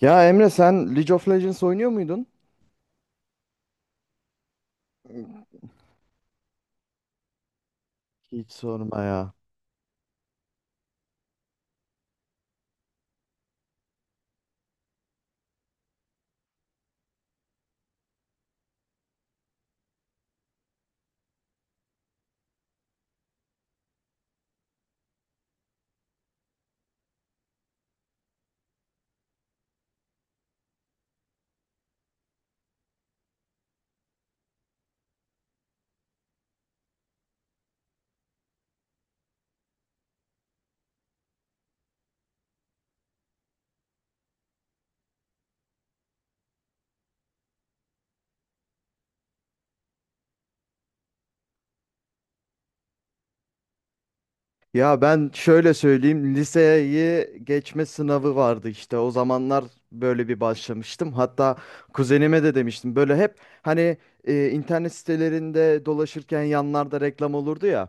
Ya Emre, sen League of Legends oynuyor muydun? Hiç sorma ya. Ya ben şöyle söyleyeyim, liseyi geçme sınavı vardı işte o zamanlar, böyle bir başlamıştım. Hatta kuzenime de demiştim böyle hep hani internet sitelerinde dolaşırken yanlarda reklam olurdu ya.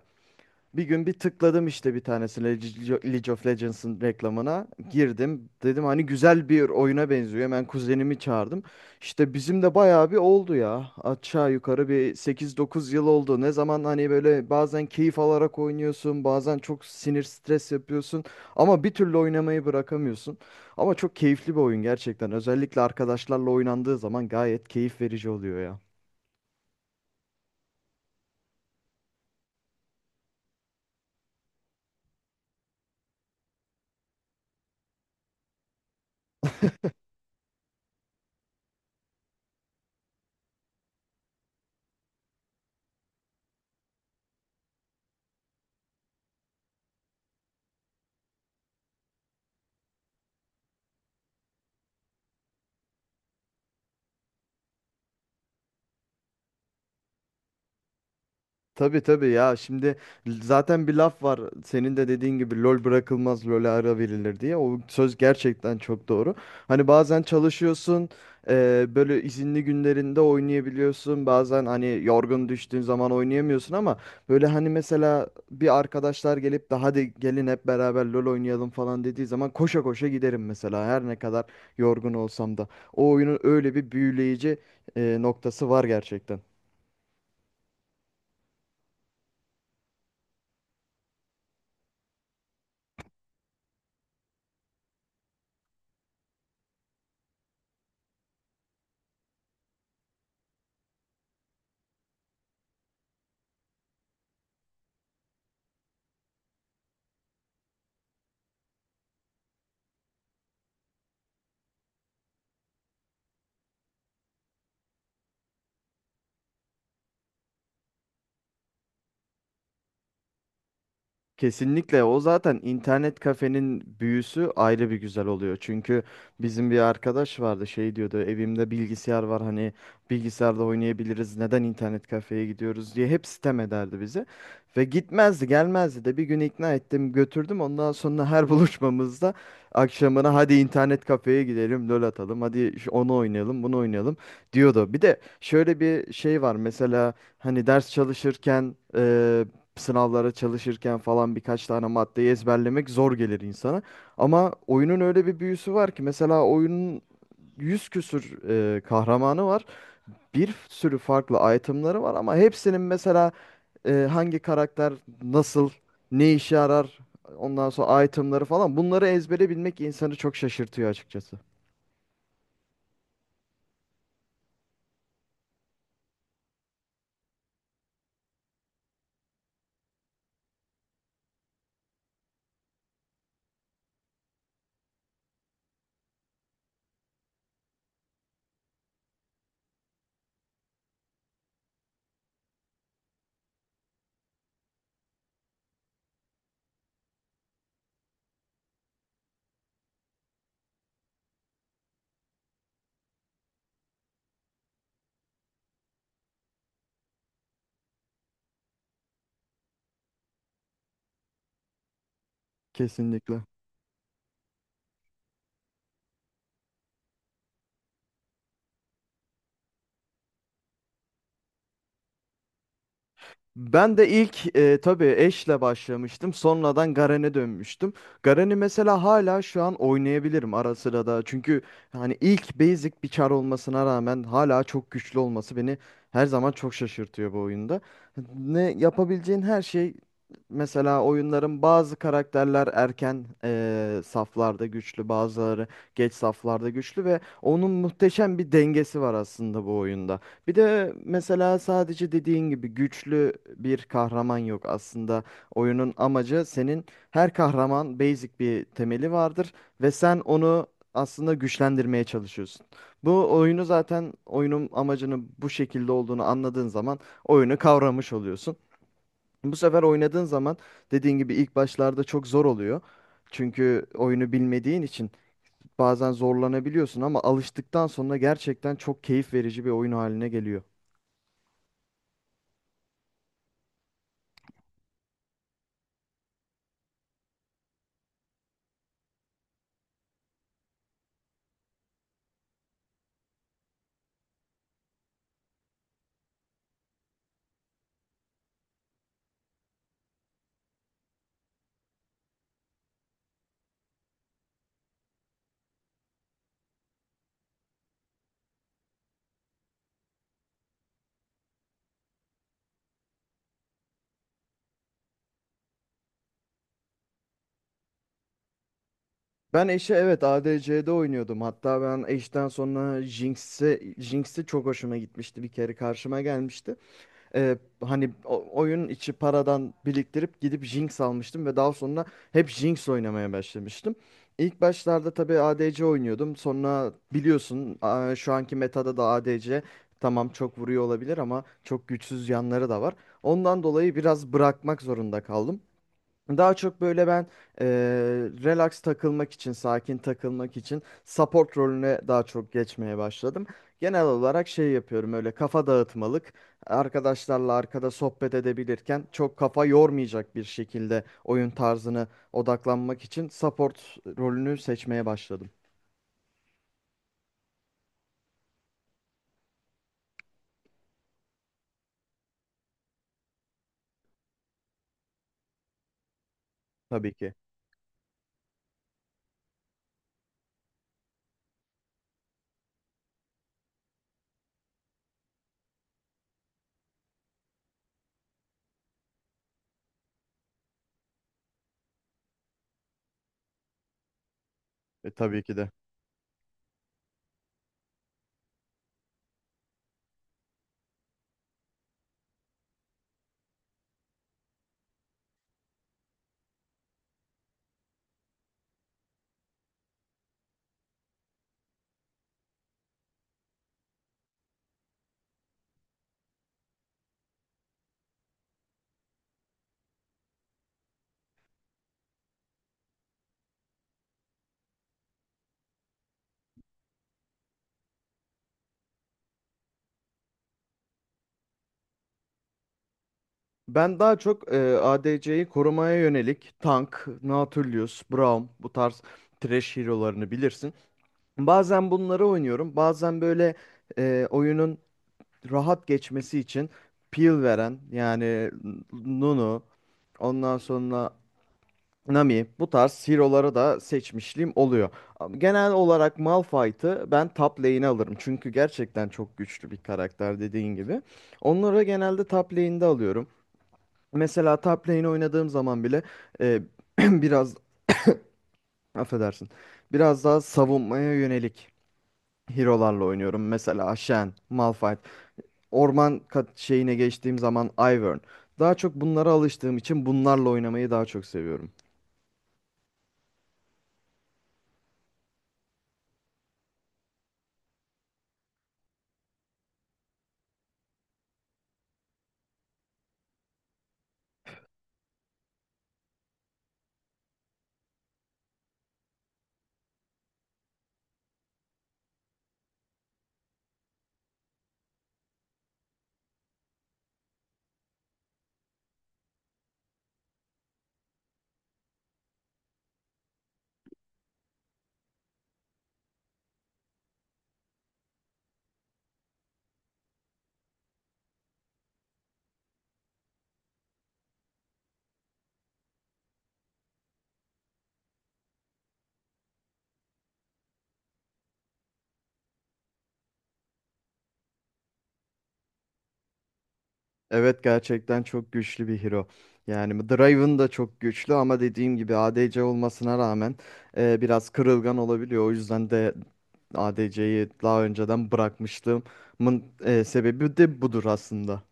Bir gün bir tıkladım işte bir tanesine, League of Legends'ın reklamına girdim. Dedim hani güzel bir oyuna benziyor. Hemen kuzenimi çağırdım. İşte bizim de bayağı bir oldu ya. Aşağı yukarı bir sekiz dokuz yıl oldu. Ne zaman hani böyle bazen keyif alarak oynuyorsun, bazen çok sinir stres yapıyorsun ama bir türlü oynamayı bırakamıyorsun. Ama çok keyifli bir oyun gerçekten. Özellikle arkadaşlarla oynandığı zaman gayet keyif verici oluyor ya. Tabii tabii ya, şimdi zaten bir laf var, senin de dediğin gibi, lol bırakılmaz, lole ara verilir diye. O söz gerçekten çok doğru. Hani bazen çalışıyorsun, böyle izinli günlerinde oynayabiliyorsun, bazen hani yorgun düştüğün zaman oynayamıyorsun ama böyle hani mesela bir arkadaşlar gelip de hadi gelin hep beraber lol oynayalım falan dediği zaman koşa koşa giderim mesela, her ne kadar yorgun olsam da. O oyunun öyle bir büyüleyici noktası var gerçekten. Kesinlikle, o zaten internet kafenin büyüsü ayrı bir güzel oluyor. Çünkü bizim bir arkadaş vardı, şey diyordu, evimde bilgisayar var, hani bilgisayarda oynayabiliriz, neden internet kafeye gidiyoruz diye hep sitem ederdi bizi. Ve gitmezdi gelmezdi de, bir gün ikna ettim, götürdüm, ondan sonra her buluşmamızda akşamına hadi internet kafeye gidelim, lol atalım, hadi onu oynayalım, bunu oynayalım diyordu. Bir de şöyle bir şey var, mesela hani ders çalışırken, sınavlara çalışırken falan, birkaç tane maddeyi ezberlemek zor gelir insana. Ama oyunun öyle bir büyüsü var ki, mesela oyunun yüz küsür kahramanı var. Bir sürü farklı itemları var ama hepsinin mesela hangi karakter nasıl, ne işe yarar, ondan sonra itemları falan, bunları ezbere bilmek insanı çok şaşırtıyor açıkçası. Kesinlikle. Ben de ilk tabii Ashe'le başlamıştım. Sonradan Garen'e dönmüştüm. Garen'i mesela hala şu an oynayabilirim ara sıra da. Çünkü hani ilk basic bir çar olmasına rağmen hala çok güçlü olması beni her zaman çok şaşırtıyor bu oyunda. Ne yapabileceğin her şey, mesela oyunların bazı karakterler erken saflarda güçlü, bazıları geç saflarda güçlü ve onun muhteşem bir dengesi var aslında bu oyunda. Bir de mesela sadece dediğin gibi güçlü bir kahraman yok. Aslında oyunun amacı senin, her kahraman basic bir temeli vardır ve sen onu aslında güçlendirmeye çalışıyorsun. Bu oyunu zaten, oyunun amacının bu şekilde olduğunu anladığın zaman oyunu kavramış oluyorsun. Bu sefer oynadığın zaman, dediğin gibi ilk başlarda çok zor oluyor. Çünkü oyunu bilmediğin için bazen zorlanabiliyorsun, ama alıştıktan sonra gerçekten çok keyif verici bir oyun haline geliyor. Ben eşe, evet, ADC'de oynuyordum. Hatta ben eşten sonra Jinx'i çok hoşuma gitmişti. Bir kere karşıma gelmişti. Ee, Hani oyun içi paradan biriktirip gidip Jinx almıştım ve daha sonra hep Jinx oynamaya başlamıştım. İlk başlarda tabii ADC oynuyordum. Sonra biliyorsun şu anki metada da ADC, tamam çok vuruyor olabilir ama çok güçsüz yanları da var. Ondan dolayı biraz bırakmak zorunda kaldım. Daha çok böyle ben eee, relax takılmak için, sakin takılmak için support rolüne daha çok geçmeye başladım. Genel olarak şey yapıyorum, öyle kafa dağıtmalık. Arkadaşlarla arkada sohbet edebilirken çok kafa yormayacak bir şekilde oyun tarzını odaklanmak için support rolünü seçmeye başladım. Tabii ki. E, tabii ki de. Ben daha çok ADC'yi korumaya yönelik tank, Nautilus, Braum, bu tarz trash hero'larını bilirsin. Bazen bunları oynuyorum. Bazen böyle oyunun rahat geçmesi için peel veren, yani Nunu, ondan sonra Nami, bu tarz hero'ları da seçmişliğim oluyor. Ama genel olarak Malphite'ı ben top lane'e alırım. Çünkü gerçekten çok güçlü bir karakter, dediğin gibi. Onları genelde top lane'de alıyorum. Mesela top lane oynadığım zaman bile e, biraz, affedersin, biraz daha savunmaya yönelik hero'larla oynuyorum. Mesela Shen, Malphite. Orman kat şeyine geçtiğim zaman Ivern. Daha çok bunlara alıştığım için bunlarla oynamayı daha çok seviyorum. Evet, gerçekten çok güçlü bir hero. Yani Draven da çok güçlü ama dediğim gibi ADC olmasına rağmen biraz kırılgan olabiliyor. O yüzden de ADC'yi daha önceden bırakmışlığımın sebebi de budur aslında.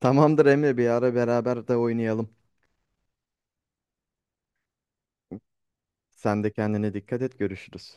Tamamdır Emre, bir ara beraber de oynayalım. Sen de kendine dikkat et, görüşürüz.